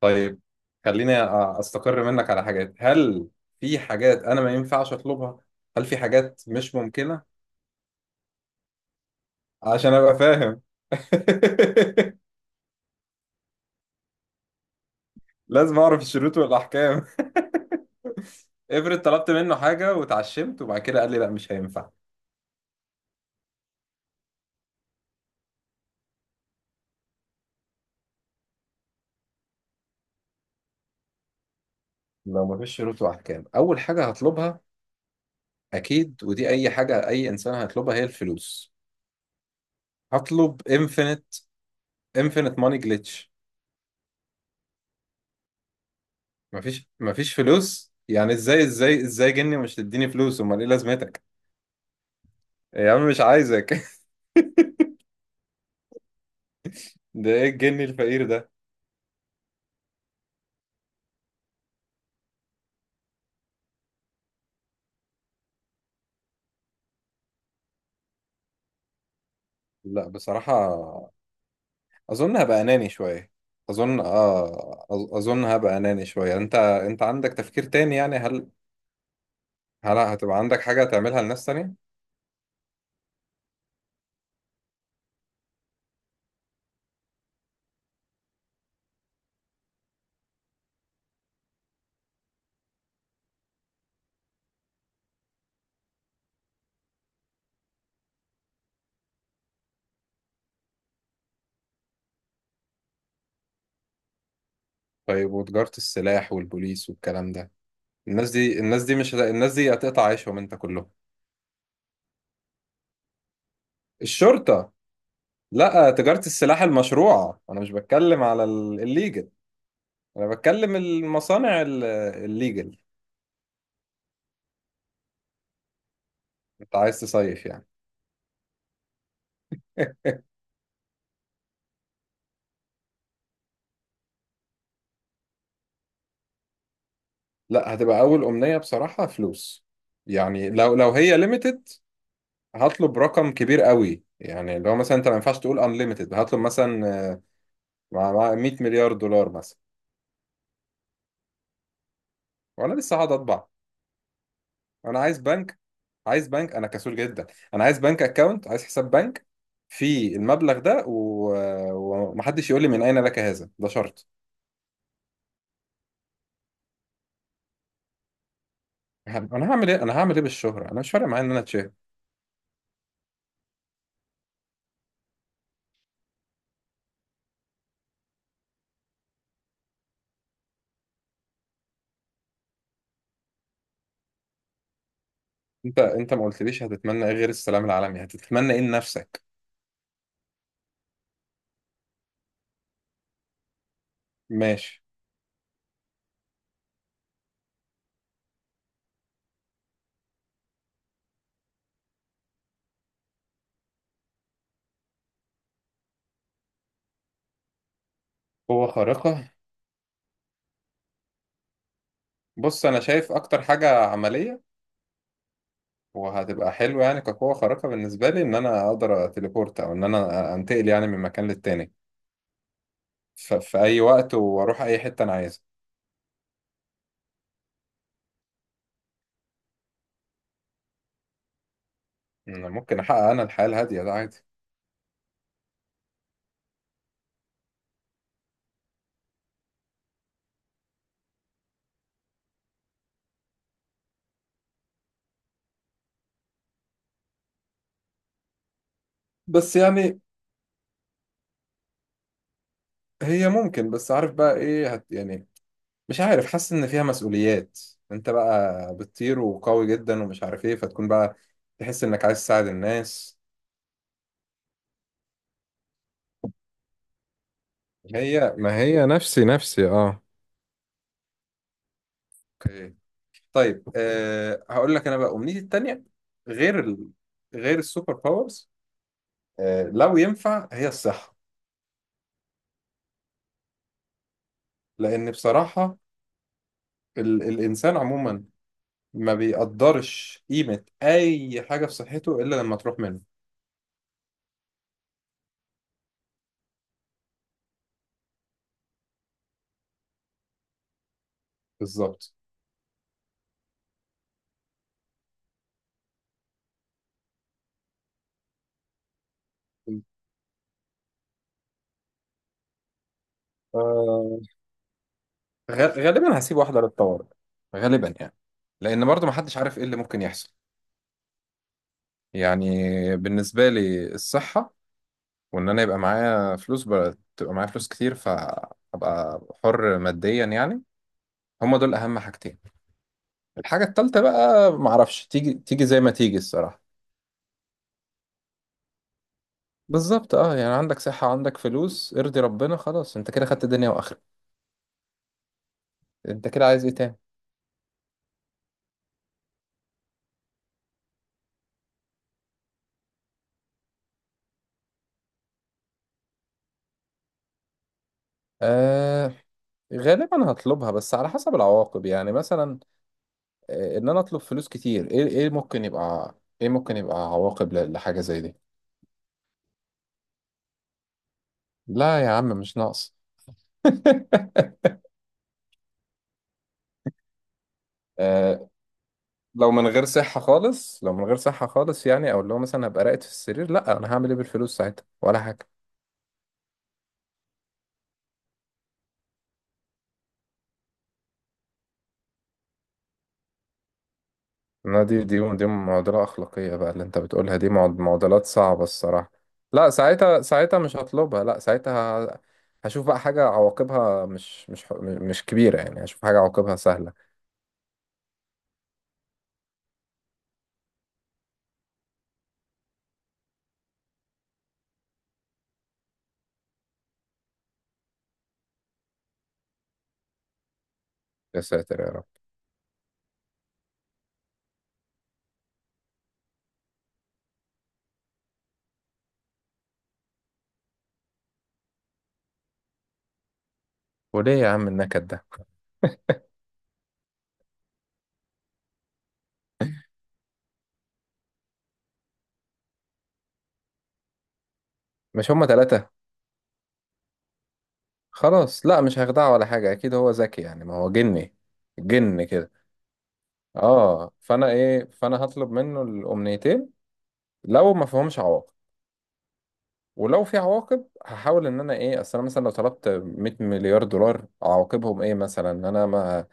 طيب. خليني استقر منك على حاجات. هل في حاجات انا ما ينفعش اطلبها؟ هل في حاجات مش ممكنة؟ عشان ابقى فاهم. لازم اعرف الشروط والاحكام. افرض طلبت منه حاجة واتعشمت وبعد كده قال لي لا مش هينفع. لو ما فيش شروط واحكام اول حاجة هطلبها اكيد، ودي اي حاجة اي انسان هيطلبها هي الفلوس. هطلب انفينيت. انفينيت ماني جلitch. مفيش فلوس؟ يعني ازاي جني ومش تديني فلوس؟ امال ايه لازمتك؟ يا عم مش عايزك. ده ايه الجن الفقير ده؟ لا بصراحة اظن هبقى اناني شوية. اظن اه. اظن هبقى اناني شوية. انت عندك تفكير تاني يعني؟ هل هتبقى عندك حاجة تعملها لناس تانية؟ طيب، وتجارة السلاح والبوليس والكلام ده؟ الناس دي مش هت- الناس دي هتقطع عيشهم انت كلهم. الشرطة. لا، تجارة السلاح المشروعة، انا مش بتكلم على الليجل. انا بتكلم المصانع الليجل. انت عايز تصيف يعني؟ لا، هتبقى اول امنيه بصراحه فلوس. يعني لو هي ليميتد هطلب رقم كبير قوي. يعني لو مثلا انت ما ينفعش تقول انليميتد، هطلب مثلا مع 100 مليار دولار مثلا. وانا لسه هقعد اطبع؟ انا عايز بنك. عايز بنك، انا كسول جدا. انا عايز بنك اكاونت، عايز حساب بنك في المبلغ ده، و... ومحدش يقول لي من اين لك هذا، ده شرط. انا هعمل ايه بالشهره، انا مش فارق معايا ان انا اتشهر. انت ما قلتليش هتتمنى ايه غير السلام العالمي. هتتمنى ايه لنفسك؟ ماشي. قوة خارقة. بص انا شايف اكتر حاجه عمليه وهتبقى حلوه، يعني كقوه خارقه بالنسبه لي، ان انا اقدر اتليبورت او ان انا انتقل يعني من مكان للتاني في اي وقت، واروح اي حته انا عايزها. أنا ممكن احقق انا الحياه الهاديه ده عادي. بس يعني هي ممكن، بس عارف بقى ايه يعني، مش عارف، حاسس ان فيها مسؤوليات. انت بقى بتطير وقوي جدا ومش عارف ايه، فتكون بقى تحس انك عايز تساعد الناس. هي ما هي نفسي نفسي اه. طيب أه هقول لك انا بقى امنيتي التانية، غير ال... غير السوبر باورز. أه لو ينفع هي الصحة. لان بصراحة ال... الانسان عموما ما بيقدرش قيمة اي حاجة في صحته الا لما تروح منه. بالظبط. آه، غالبا هسيب واحدة للطوارئ. غالبا يعني. لأن برضو محدش عارف إيه اللي ممكن يحصل. يعني بالنسبة لي الصحة، وإن أنا يبقى معايا فلوس بقى، تبقى معايا فلوس كتير فأبقى حر ماديا يعني. هما دول اهم حاجتين. الحاجه التالتة بقى معرفش، تيجي زي ما تيجي الصراحه. بالظبط اه. يعني عندك صحه، عندك فلوس، ارضي ربنا خلاص. انت كده خدت دنيا واخره. انت كده عايز ايه تاني؟ آه غالبا هطلبها، بس على حسب العواقب. يعني مثلا ان انا اطلب فلوس كتير، ايه ممكن يبقى عواقب لحاجه زي دي. لا يا عم مش ناقص. آه. لو من غير صحة خالص لو من غير صحة خالص يعني، او لو مثلا هبقى راقد في السرير، لا انا هعمل ايه بالفلوس ساعتها؟ ولا حاجة. لا دي معضلة أخلاقية بقى اللي أنت بتقولها. دي معضلات صعبة الصراحة. لا ساعتها مش هطلبها، لا ساعتها هشوف بقى حاجة عواقبها مش كبيرة. يعني هشوف حاجة عواقبها سهلة. يا ساتر يا رب. وليه يا عم النكد ده؟ مش هما تلاتة؟ خلاص لا، مش هخدعه ولا حاجة، أكيد هو ذكي يعني ما هو جني. جن كده. اه فأنا هطلب منه الأمنيتين لو ما فيهمش عواقب. ولو في عواقب هحاول ان انا ايه. اصل انا مثلا لو طلبت 100 مليار دولار، عواقبهم ايه مثلا؟ ان انا ما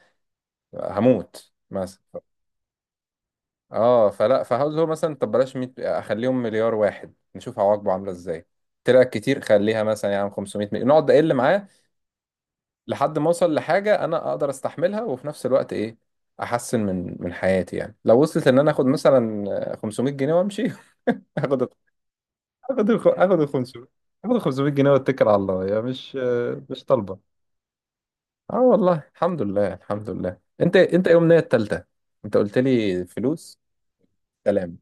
هموت مثلا. اه فهقول له مثلا طب بلاش 100، اخليهم مليار واحد نشوف عواقبه عامله ازاي. طلع كتير، خليها مثلا يعني 500 مليون، نقعد اقل معاه، لحد ما اوصل لحاجه انا اقدر استحملها وفي نفس الوقت ايه، احسن من حياتي. يعني لو وصلت ان انا اخد مثلا 500 جنيه وامشي. اخد اخد ال 500. اخد ال 500 جنيه واتكل على الله. يعني مش طالبه. اه والله، الحمد لله الحمد لله. انت يوم النية التالتة انت قلت لي فلوس. سلام.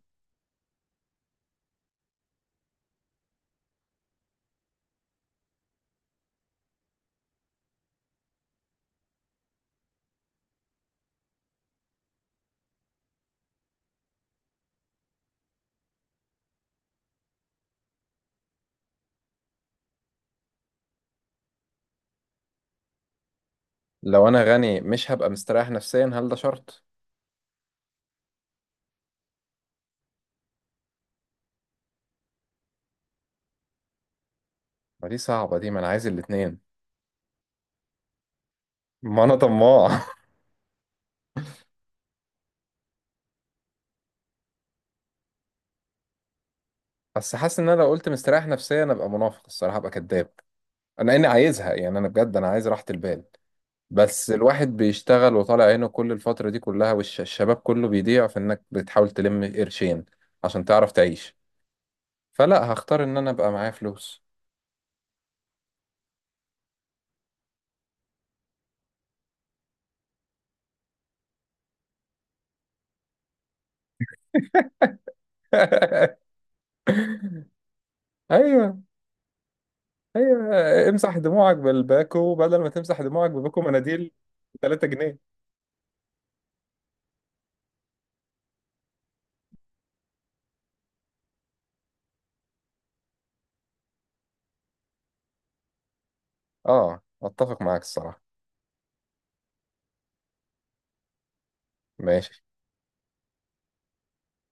لو انا غني مش هبقى مستريح نفسيا، هل ده شرط؟ ما دي صعبة دي، ما انا عايز الاتنين. ما انا طماع. بس حاسس ان انا لو قلت مستريح نفسيا ابقى منافق الصراحة، ابقى كذاب. انا اني عايزها يعني، انا بجد انا عايز راحة البال. بس الواحد بيشتغل وطالع عينه كل الفترة دي كلها، والشباب كله بيضيع في انك بتحاول تلم قرشين عشان تعرف تعيش. فلا هختار ان انا ابقى معايا فلوس. ايوه. هي امسح دموعك بالباكو بدل ما تمسح دموعك بباكو مناديل 3 جنيه. اه اتفق معاك الصراحة. ماشي.